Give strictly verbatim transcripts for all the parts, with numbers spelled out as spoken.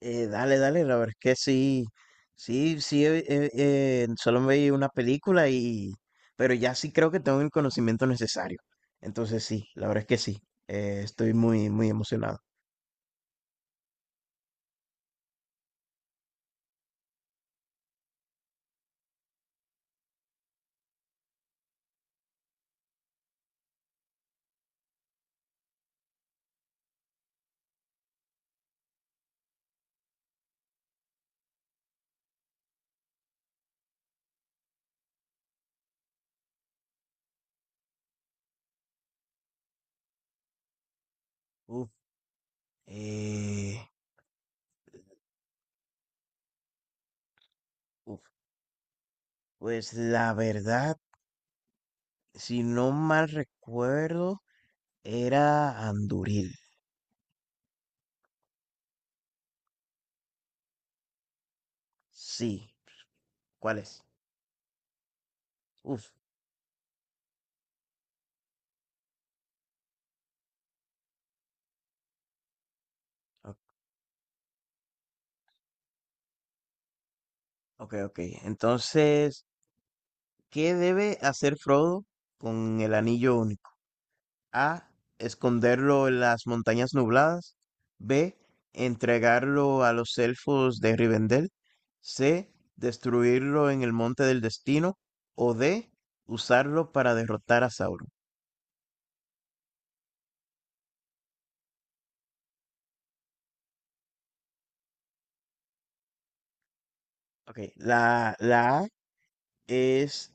Eh, dale, dale, la verdad es que sí, sí, sí, eh, eh, eh, solo me vi una película y, pero ya sí creo que tengo el conocimiento necesario. Entonces sí, la verdad es que sí, eh, estoy muy, muy emocionado. Uf, eh, uf, pues la verdad, si no mal recuerdo, era Anduril. Sí, ¿cuál es? Uf, o- ok, ok. Entonces, ¿qué debe hacer Frodo con el anillo único? A, esconderlo en las montañas nubladas. B, entregarlo a los elfos de Rivendell. C, destruirlo en el Monte del Destino. O D, usarlo para derrotar a Sauron. Ok, la, la A es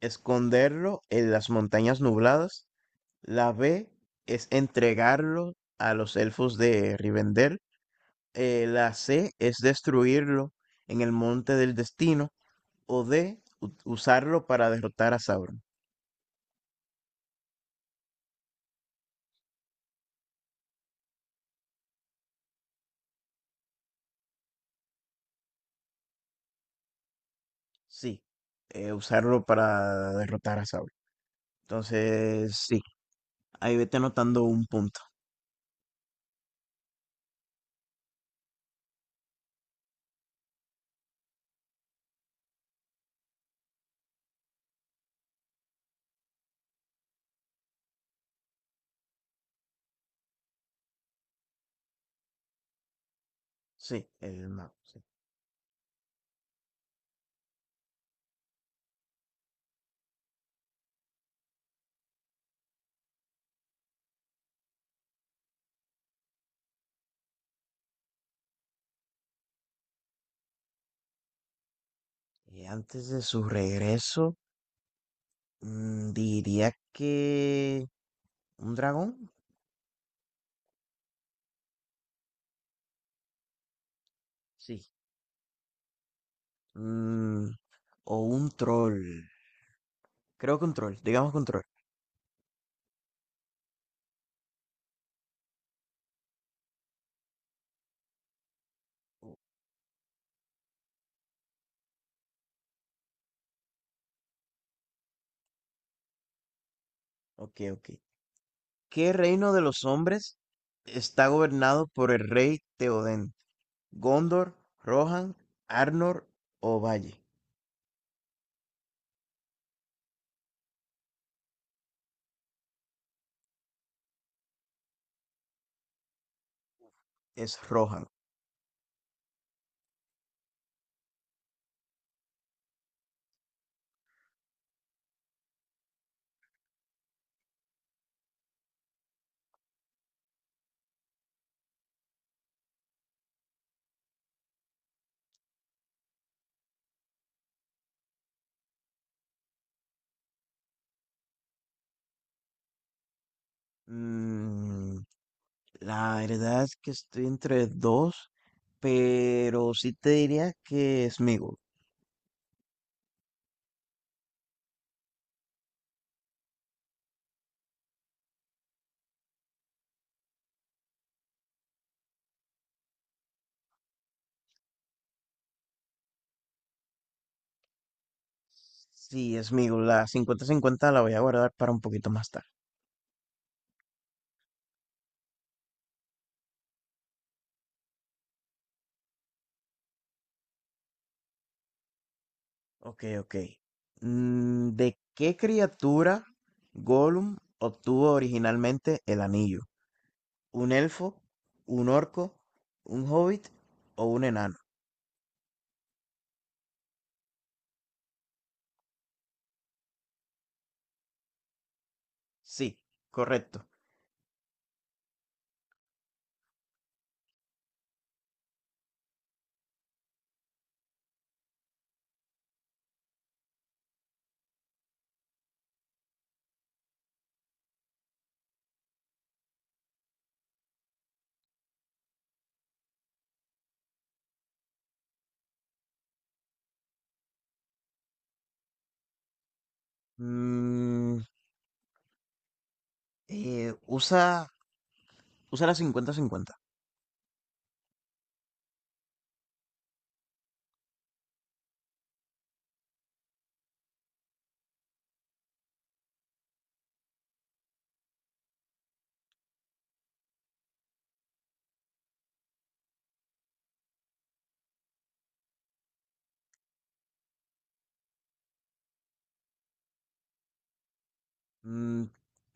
esconderlo en las montañas nubladas. La B es entregarlo a los elfos de Rivendell. Eh, la C es destruirlo en el Monte del Destino. O D, u- usarlo para derrotar a Sauron. Sí, eh, usarlo para derrotar a Sauron. Entonces, sí, ahí vete anotando un punto. Sí, el mago. Sí. Y antes de su regreso, mm, diría que un dragón. Sí. Mm, o un troll. Creo que un troll, digamos que un troll. Ok, ok. ¿Qué reino de los hombres está gobernado por el rey Teoden? Gondor, Rohan, Arnor o Valle. Es Rohan. Mm, la verdad es que estoy entre dos, pero sí te diría que Sméagol. Sí, Sméagol, la cincuenta-cincuenta la voy a guardar para un poquito más tarde. Ok, ok. Mm, ¿de qué criatura Gollum obtuvo originalmente el anillo? ¿Un elfo, un orco, un hobbit o un enano? Sí, correcto. Mm, eh, usa, usa la cincuenta-cincuenta. Mm,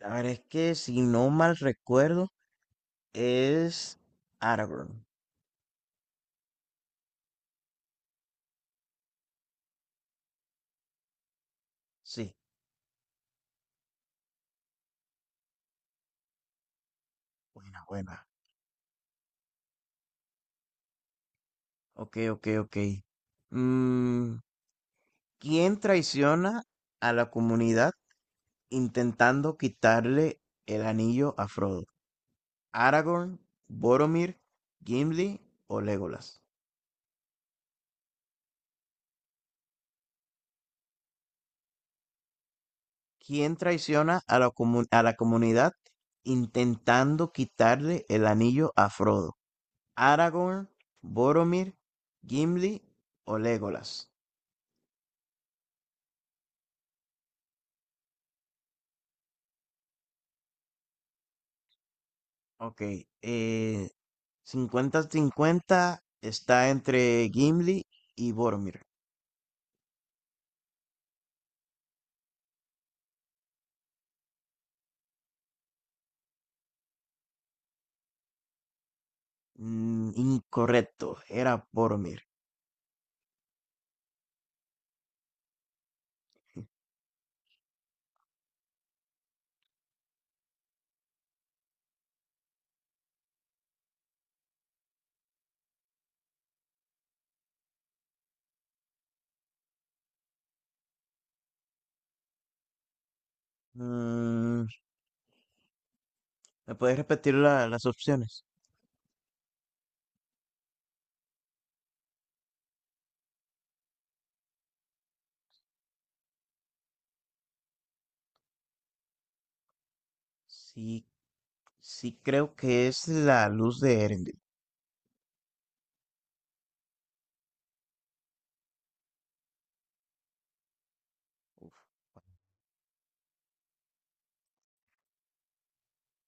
a ver, es que si no mal recuerdo, es Aragorn. Sí, buena, buena. Ok, ok, ok. Mm, ¿quién traiciona a la comunidad intentando quitarle el anillo a Frodo? ¿Aragorn, Boromir, Gimli o Legolas? Quién traiciona a la, comu- a la comunidad intentando quitarle el anillo a Frodo. Aragorn, Boromir, Gimli o Legolas. Ok, eh, cincuenta 50 está entre Gimli y Boromir. Mm, incorrecto, era Boromir. Mm, ¿me puedes repetir la- las opciones? Sí, sí creo que es la luz de Erendil.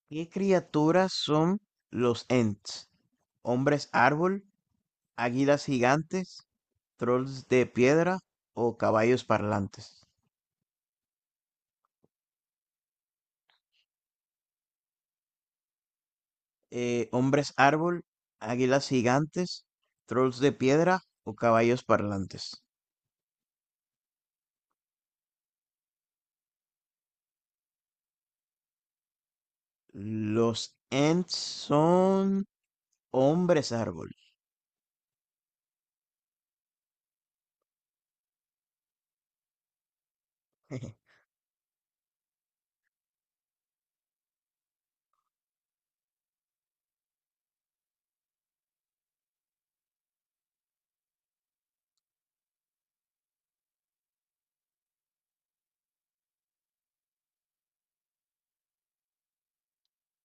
¿Qué criaturas son los Ents? ¿Hombres árbol, águilas gigantes, trolls de piedra o caballos parlantes? Eh, ¿hombres árbol, águilas gigantes, trolls de piedra o caballos parlantes? Los Ents son hombres árbol.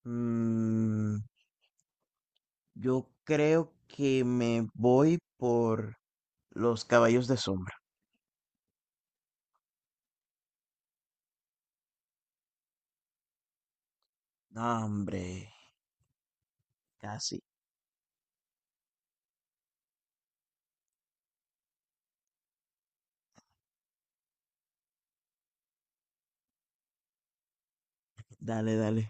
Mm, yo creo que me voy por los caballos de sombra. No, hombre, casi. Dale, dale.